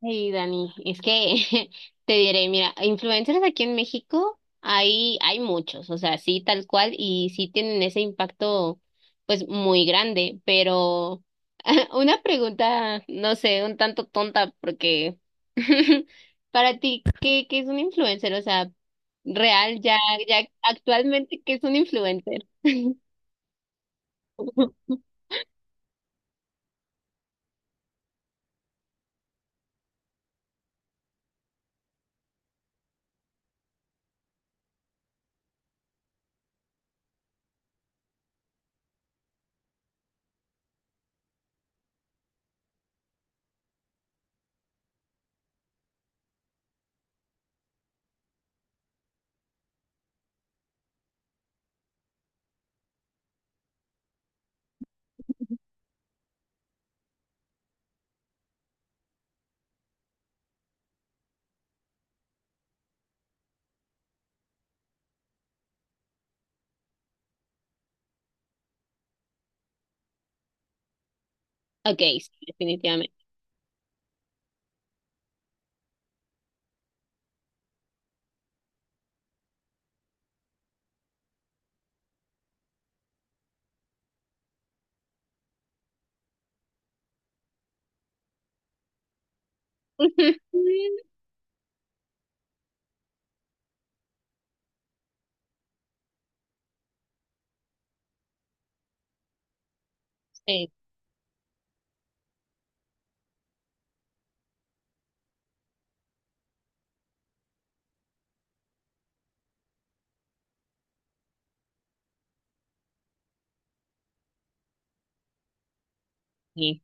Sí, Dani, es que te diré, mira, influencers aquí en México hay muchos, o sea, sí, tal cual, y sí tienen ese impacto, pues, muy grande, pero una pregunta, no sé, un tanto tonta, porque para ti, ¿qué es un influencer? O sea, real, ya, ya actualmente, ¿qué es un influencer? Okay, sí, definitivamente. Sí, sí.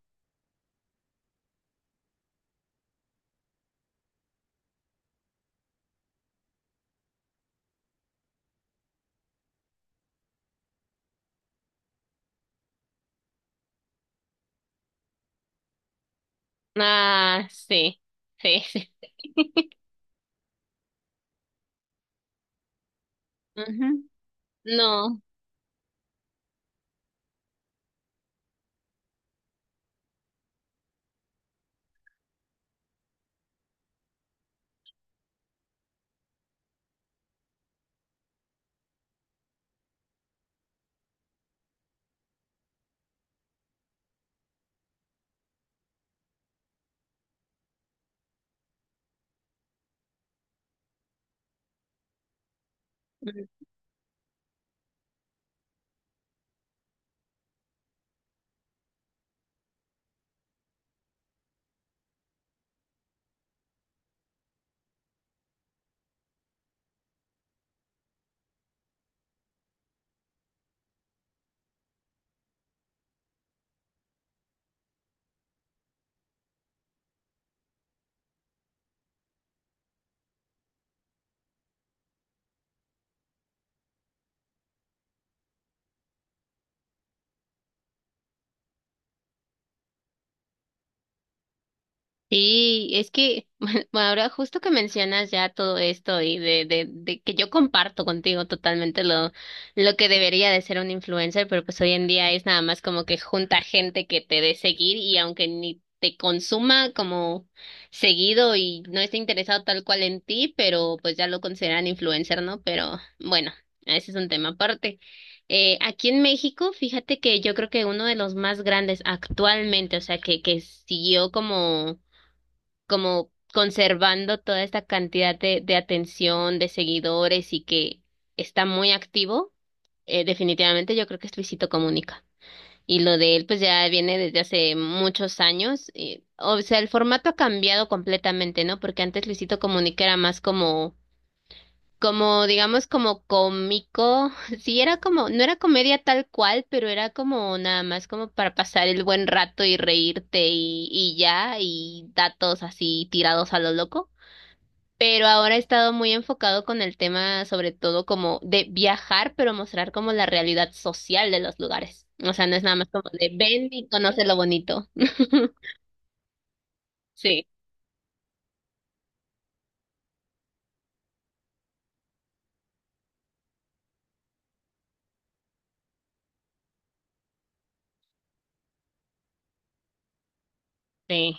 Ah, sí, sí, sí. Ujú. No, mm, Sí, es que ahora justo que mencionas ya todo esto y de que yo comparto contigo totalmente lo que debería de ser un influencer, pero pues hoy en día es nada más como que junta gente que te dé seguir y aunque ni te consuma como seguido y no esté interesado tal cual en ti, pero pues ya lo consideran influencer, ¿no? Pero bueno, ese es un tema aparte. Aquí en México, fíjate que yo creo que uno de los más grandes actualmente, o sea, que siguió como como conservando toda esta cantidad de atención, de seguidores y que está muy activo, definitivamente yo creo que es Luisito Comunica. Y lo de él pues ya viene desde hace muchos años. Y- o sea, el formato ha cambiado completamente, ¿no? Porque antes Luisito Comunica era más como, como digamos, como cómico. Sí, era como, no era comedia tal cual, pero era como nada más como para pasar el buen rato y reírte y ya, y datos así tirados a lo loco. Pero ahora he estado muy enfocado con el tema, sobre todo como de viajar, pero mostrar como la realidad social de los lugares. O sea, no es nada más como de ven y conoce lo bonito. Sí, sí,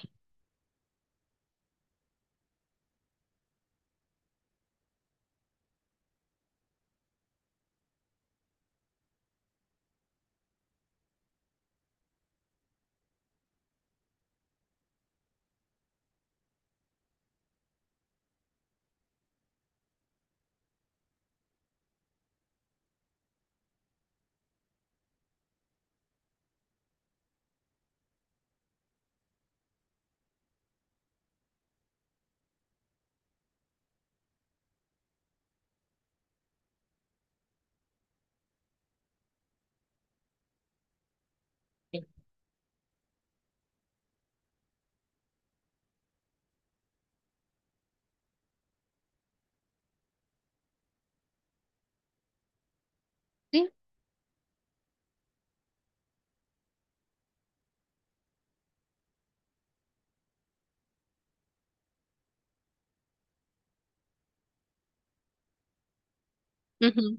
sí. Sí, ujú,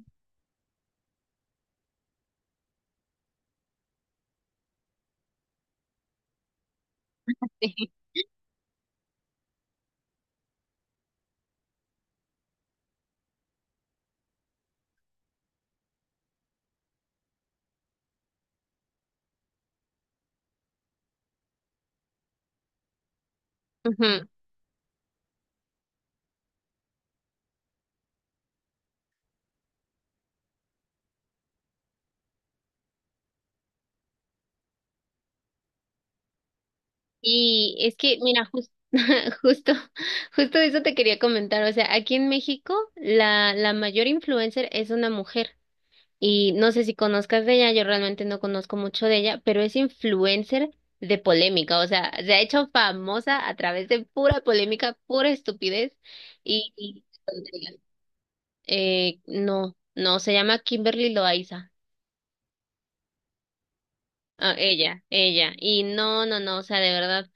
sí, ujú. Y es que, mira, justo, justo de eso te quería comentar. O sea, aquí en México, la mayor influencer es una mujer. Y no sé si conozcas de ella, yo realmente no conozco mucho de ella, pero es influencer de polémica, o sea, se ha hecho famosa a través de pura polémica, pura estupidez y tonterías. No, no, se llama Kimberly Loaiza, ah, ella, y no, no, no, o sea, de verdad.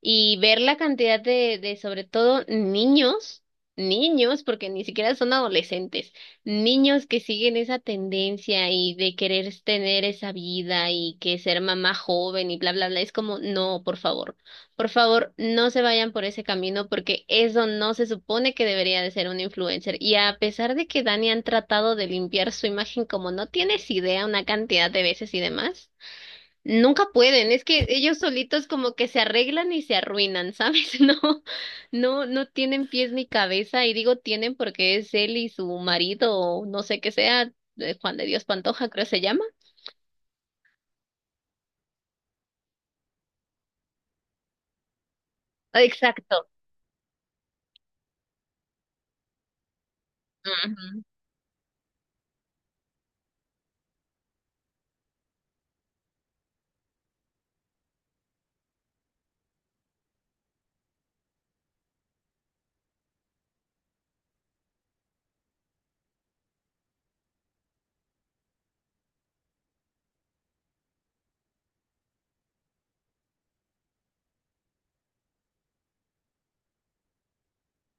Y ver la cantidad de sobre todo niños, niños, porque ni siquiera son adolescentes, niños que siguen esa tendencia y de querer tener esa vida y que ser mamá joven y bla, bla, bla, es como, no, por favor, no se vayan por ese camino porque eso no se supone que debería de ser un influencer. Y a pesar de que Dani han tratado de limpiar su imagen como no tienes idea una cantidad de veces y demás. Nunca pueden, es que ellos solitos como que se arreglan y se arruinan, ¿sabes? No, no, no tienen pies ni cabeza, y digo tienen porque es él y su marido, o no sé qué sea, Juan de Dios Pantoja, creo se llama. Exacto.